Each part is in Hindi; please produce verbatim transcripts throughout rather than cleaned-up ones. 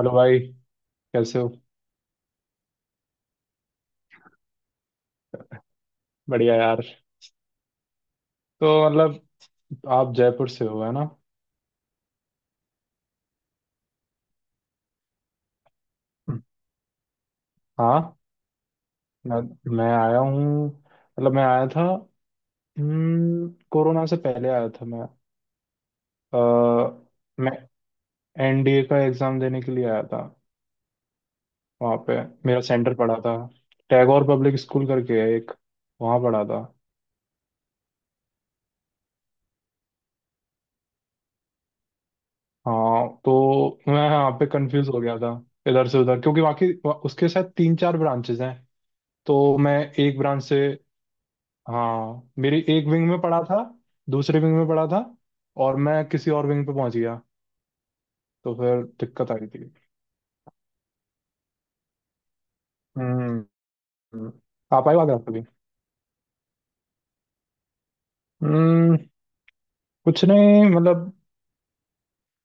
हेलो भाई। कैसे हो? बढ़िया यार। तो मतलब आप जयपुर से हो, है ना? हाँ, मैं मैं आया हूँ, मतलब मैं आया था। हम्म, कोरोना से पहले आया था मैं। अ, मैं एनडीए का एग्ज़ाम देने के लिए आया था। वहाँ पे मेरा सेंटर पड़ा था। टैगोर पब्लिक स्कूल करके है एक, वहाँ पड़ा था। हाँ तो मैं यहाँ पे कंफ्यूज हो गया था, इधर से उधर, क्योंकि बाकी उसके साथ तीन चार ब्रांचेज हैं। तो मैं एक ब्रांच से, हाँ मेरी एक विंग में पड़ा था, दूसरे विंग में पड़ा था, और मैं किसी और विंग पे पहुंच गया। तो फिर दिक्कत आ रही थी। हम्म आप आए हो आगरा कभी? हम्म कुछ नहीं, मतलब,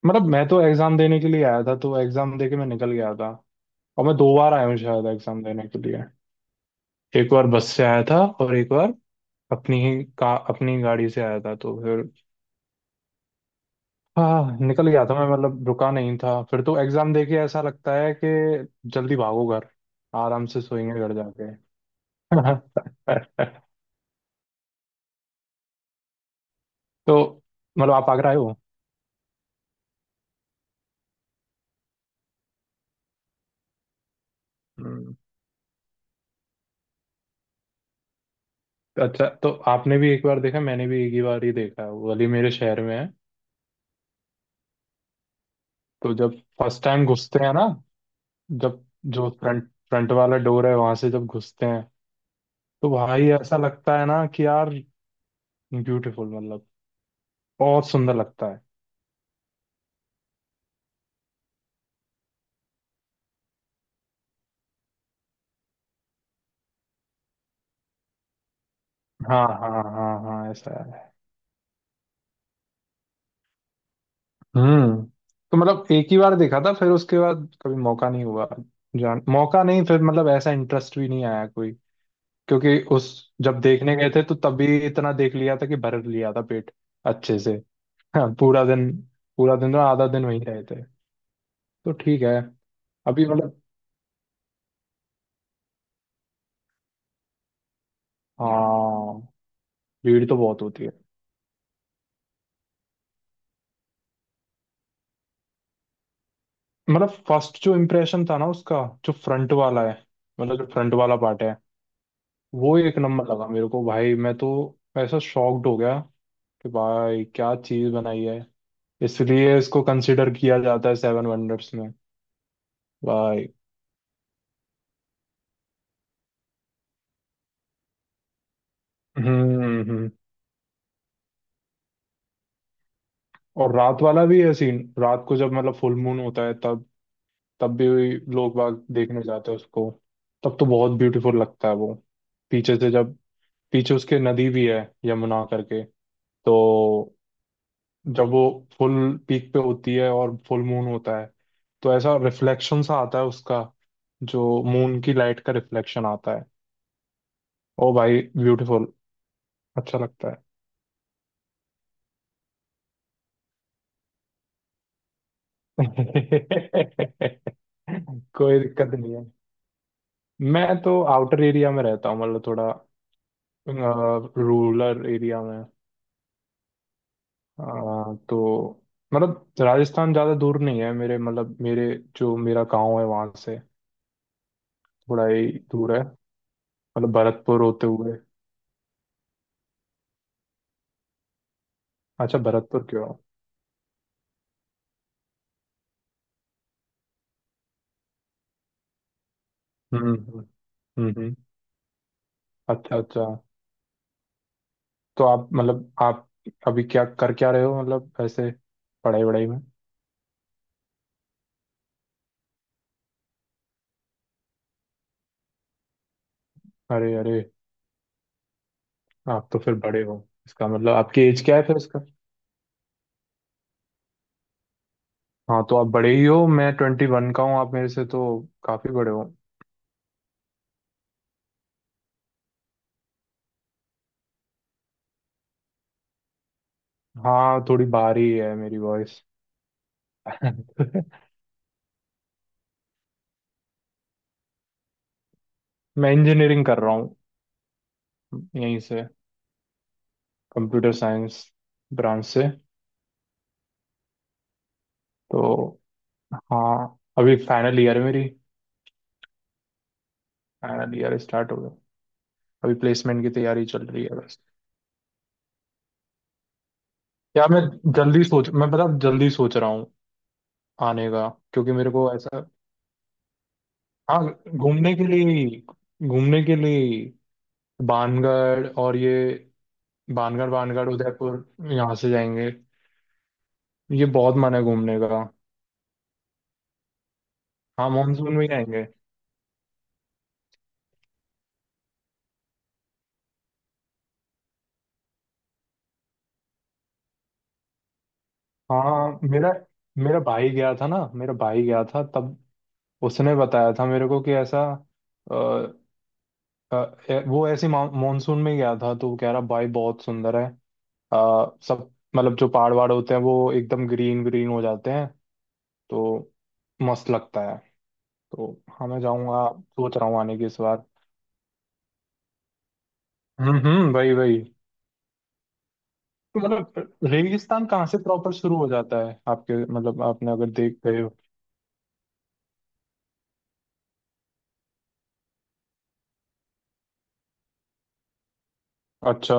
मतलब मैं तो एग्जाम देने के लिए आया था, तो एग्जाम देके मैं निकल गया था। और मैं दो बार आया हूँ शायद एग्जाम देने के लिए। एक बार बस से आया था और एक बार अपनी ही का अपनी गाड़ी से आया था, तो फिर हाँ निकल गया था मैं, मतलब रुका नहीं था फिर। तो एग्जाम देके ऐसा लगता है कि जल्दी भागो घर, आराम से सोएंगे घर जाके। तो मतलब आप आगरा आए हो? हम्म, अच्छा, तो आपने भी एक बार देखा, मैंने भी एक ही बार ही देखा है, वो अली मेरे शहर में है। तो जब फर्स्ट टाइम घुसते हैं ना, जब जो फ्रंट फ्रंट वाला डोर है वहां से जब घुसते हैं, तो भाई ऐसा लगता है ना कि यार ब्यूटीफुल, मतलब बहुत सुंदर लगता है। हाँ, हाँ, हाँ, हाँ, ऐसा है। हम्म तो मतलब एक ही बार देखा था, फिर उसके बाद कभी मौका नहीं हुआ, जान मौका नहीं, फिर मतलब ऐसा इंटरेस्ट भी नहीं आया कोई। क्योंकि उस जब देखने गए थे तो तभी इतना देख लिया था कि भर लिया था पेट अच्छे से। हाँ, पूरा दिन, पूरा दिन, तो आधा दिन वहीं रहे थे, तो ठीक है। अभी मतलब, हाँ, भीड़ तो बहुत होती है। मतलब फर्स्ट जो इम्प्रेशन था ना उसका, जो फ्रंट वाला है, मतलब जो फ्रंट वाला पार्ट है, वो एक नंबर लगा मेरे को। भाई मैं तो ऐसा शॉक्ड हो गया कि भाई क्या चीज बनाई है। इसलिए इसको कंसिडर किया जाता है सेवन वंडर्स में, भाई। हम्म। हम्म। और रात वाला भी है सीन, रात को जब मतलब फुल मून होता है तब तब भी लोग बाग देखने जाते हैं उसको, तब तो बहुत ब्यूटीफुल लगता है वो। पीछे से जब, पीछे उसके नदी भी है यमुना करके, तो जब वो फुल पीक पे होती है और फुल मून होता है, तो ऐसा रिफ्लेक्शन सा आता है उसका, जो मून की लाइट का रिफ्लेक्शन आता है। ओ भाई, ब्यूटीफुल, अच्छा लगता है। कोई दिक्कत नहीं है। मैं तो आउटर एरिया में रहता हूँ, मतलब थोड़ा रूरल एरिया में। अ, तो मतलब राजस्थान ज़्यादा दूर नहीं है मेरे, मतलब मेरे जो मेरा गांव है वहाँ से थोड़ा ही दूर है, मतलब भरतपुर होते हुए। अच्छा, भरतपुर क्यों? हम्म। हम्म। हम्म। हम्म। अच्छा अच्छा, तो आप, मतलब आप अभी क्या कर, क्या रहे हो, मतलब ऐसे पढ़ाई वढ़ाई में? अरे अरे, आप तो फिर बड़े हो। इसका मतलब आपकी एज क्या है फिर इसका? हाँ तो आप बड़े ही हो। मैं ट्वेंटी वन का हूँ, आप मेरे से तो काफी बड़े हो। हाँ, थोड़ी भारी है मेरी वॉइस। मैं इंजीनियरिंग कर रहा हूँ यहीं से, कंप्यूटर साइंस ब्रांच से। तो हाँ, अभी फाइनल ईयर है मेरी, फाइनल ईयर स्टार्ट हो गया। अभी प्लेसमेंट की तैयारी चल रही है बस। यार मैं, जल्दी सोच, मैं पता जल्दी सोच रहा हूँ आने का। क्योंकि मेरे को ऐसा, हाँ, घूमने के लिए ही, घूमने के लिए ही। बानगढ़ और ये, बानगढ़ बानगढ़ उदयपुर यहाँ से जाएंगे, ये बहुत मन है घूमने का। हाँ मानसून में जाएंगे। हाँ, मेरा मेरा भाई गया था ना, मेरा भाई गया था तब, उसने बताया था मेरे को कि ऐसा, अ, अ, ए- वो ऐसे मानसून में गया था, तो वो कह रहा भाई बहुत सुंदर है। अ, सब मतलब जो पहाड़ वहाड़ होते हैं वो एकदम ग्रीन ग्रीन हो जाते हैं, तो मस्त लगता है। तो हाँ मैं जाऊंगा, सोच रहा हूँ आने की इस बार। हम्म हम्म, वही वही। तो मतलब रेगिस्तान कहाँ से प्रॉपर शुरू हो जाता है आपके, मतलब आपने अगर देख गए हो? अच्छा।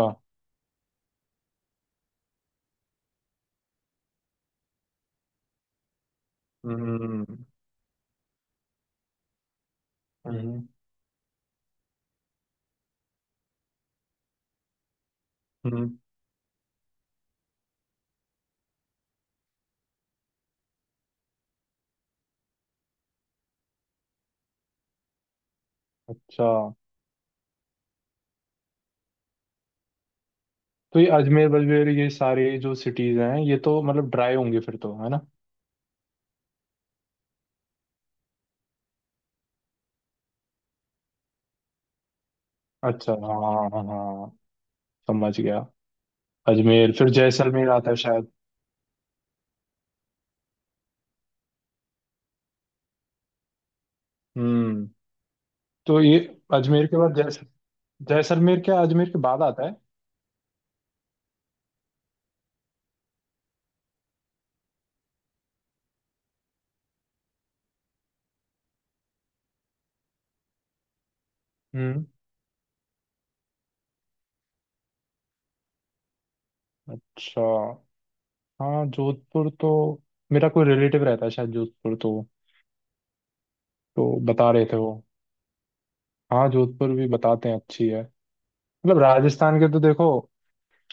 हम्म। हम्म। हम्म, अच्छा। तो ये अजमेर बजमेर, ये सारे जो सिटीज हैं, ये तो मतलब ड्राई होंगे फिर तो, है ना? अच्छा, हाँ हाँ हाँ, समझ गया। अजमेर फिर जैसलमेर आता है शायद। हम्म। तो ये अजमेर के बाद जैस जैसलमेर क्या अजमेर के बाद आता है? हम्म। अच्छा, हाँ जोधपुर तो, मेरा कोई रिलेटिव रहता है शायद जोधपुर तो तो बता रहे थे वो। हाँ जोधपुर भी बताते हैं अच्छी है। मतलब राजस्थान के तो देखो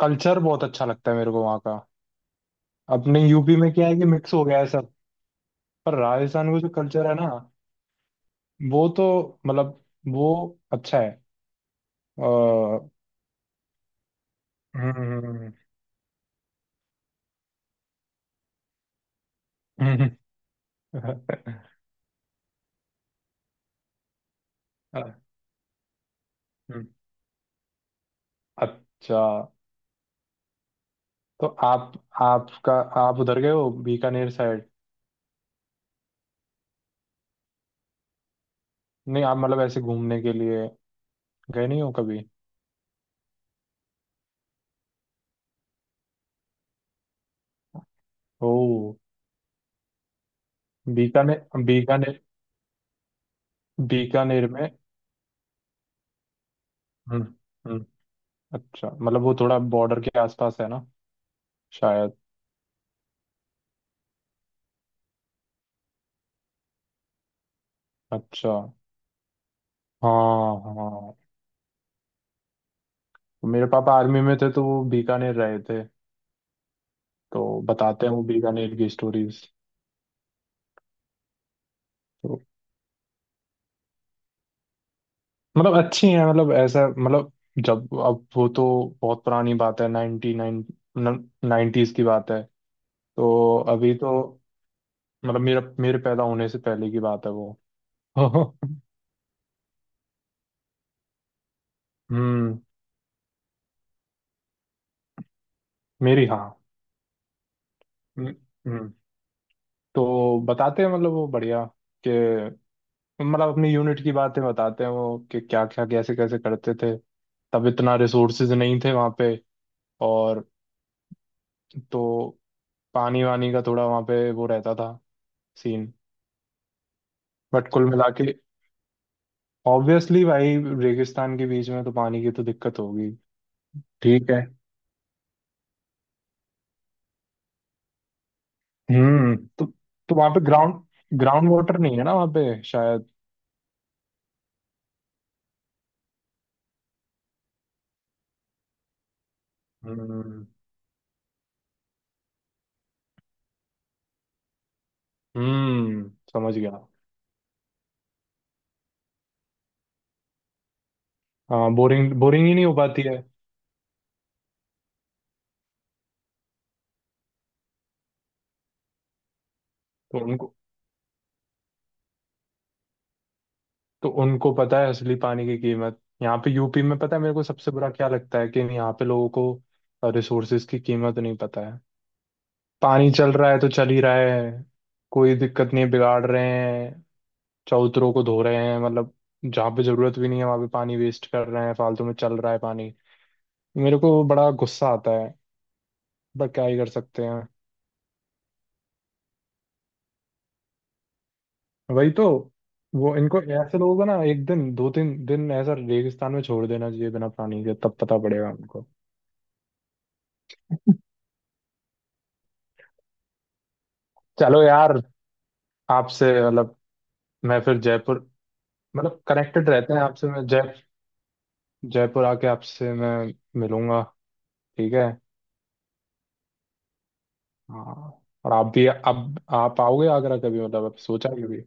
कल्चर बहुत अच्छा लगता है मेरे को वहाँ का। अपने यूपी में क्या है कि मिक्स हो गया है सब। पर राजस्थान का जो कल्चर है ना, वो तो मतलब, वो अच्छा है। अ, हम्म। हम्म, हम्म। हम्म। अच्छा तो आप, आपका, आप उधर गए हो बीकानेर साइड? नहीं, आप मतलब ऐसे घूमने के लिए गए नहीं हो कभी? ओ। बीकानेर? बीकानेर, बीकानेर में। हम्म। हम्म। अच्छा, मतलब वो थोड़ा बॉर्डर के आसपास है ना शायद? अच्छा। हाँ हाँ, तो मेरे पापा आर्मी में थे तो वो बीकानेर रहे थे, तो बताते हैं वो बीकानेर की स्टोरीज। तो मतलब अच्छी हैं, मतलब ऐसा, मतलब जब, अब वो तो बहुत पुरानी बात है, नाइनटी नाइन, नाइन्टीज की बात है। तो अभी तो, मतलब मेरा, मेरे पैदा होने से पहले की बात है वो। हम्म, मेरी हाँ। हम्म। हम्म। तो बताते हैं, मतलब वो बढ़िया कि, मतलब अपनी यूनिट की बातें बताते हैं वो कि क्या क्या कैसे कैसे करते थे। तब इतना रिसोर्सेज नहीं थे वहाँ पे। और तो पानी वानी का थोड़ा वहाँ पे वो रहता था सीन। बट कुल मिला के ऑब्वियसली भाई रेगिस्तान के बीच में तो पानी की तो दिक्कत होगी। ठीक है। हम्म। तो तो वहाँ पे ग्राउंड ग्राउंड वाटर नहीं है ना वहाँ पे शायद? हम्म। हम्म, समझ गया। हाँ बोरिंग बोरिंग ही नहीं हो पाती है। तो उनको तो उनको पता है असली पानी की कीमत। यहाँ पे यूपी में, पता है मेरे को सबसे बुरा क्या लगता है, कि यहाँ पे लोगों को रिसोर्सेज की कीमत नहीं पता है। पानी चल रहा है तो चल ही रहा है, कोई दिक्कत नहीं है, बिगाड़ रहे हैं, चबूतरों को धो रहे हैं, मतलब जहाँ पे जरूरत भी नहीं है वहाँ पे पानी वेस्ट कर रहे हैं, फालतू में चल रहा है पानी। मेरे को बड़ा गुस्सा आता है, पर क्या ही कर सकते हैं। वही तो। वो इनको, ऐसे लोगों को ना एक दिन दो तीन दिन ऐसा रेगिस्तान में छोड़ देना चाहिए बिना पानी के, तब पता पड़ेगा उनको। चलो यार, आपसे मतलब, मैं फिर जयपुर, मतलब कनेक्टेड रहते हैं आपसे। मैं जय जयपुर आके आपसे मैं मिलूंगा। ठीक है। हाँ। और आप भी, अब आप आओगे आगरा कभी, मतलब अब सोचा है कभी?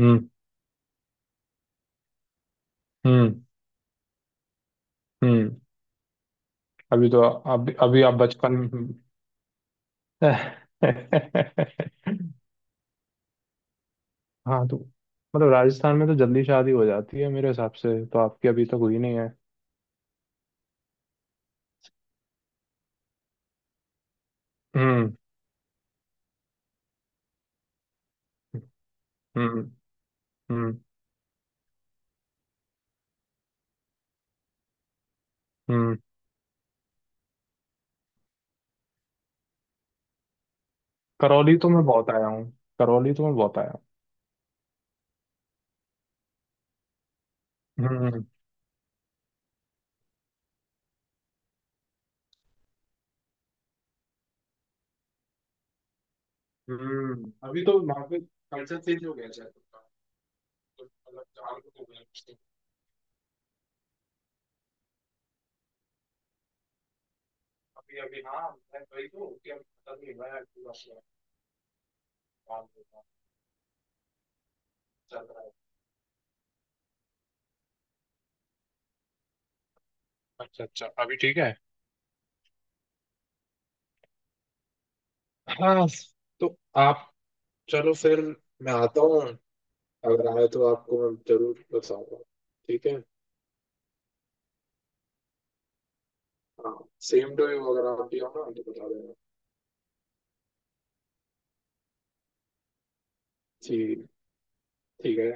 हम्म। हम्म। हम्म। अभी तो, अभी अभी आप बचपन में- हाँ तो मतलब राजस्थान में तो जल्दी शादी हो जाती है मेरे हिसाब से, तो आपकी अभी तक हुई नहीं है? हम्म। हम्म। हम्म। हम्म। करौली तो मैं बहुत आया हूँ, करौली तो मैं बहुत आया हूँ। हम्म। हम्म, अभी तो वहाँ पे कल्चर चेंज हो गया शायद उनका। तो मतलब चालू हो गया कुछ। अभी अभी हाँ मैं वही तो, कि अब पता नहीं, हुआ है पूरा शहर, काम होगा, चल रहा है। अच्छा अच्छा, अभी ठीक है। हाँ। तो आप, चलो फिर, मैं आता हूँ। अगर आए तो आपको मैं जरूर बताऊंगा। ठीक है। हाँ, सेम टू यू, अगर आप भी हो ना तो बता देना। ठीक। ठीक है।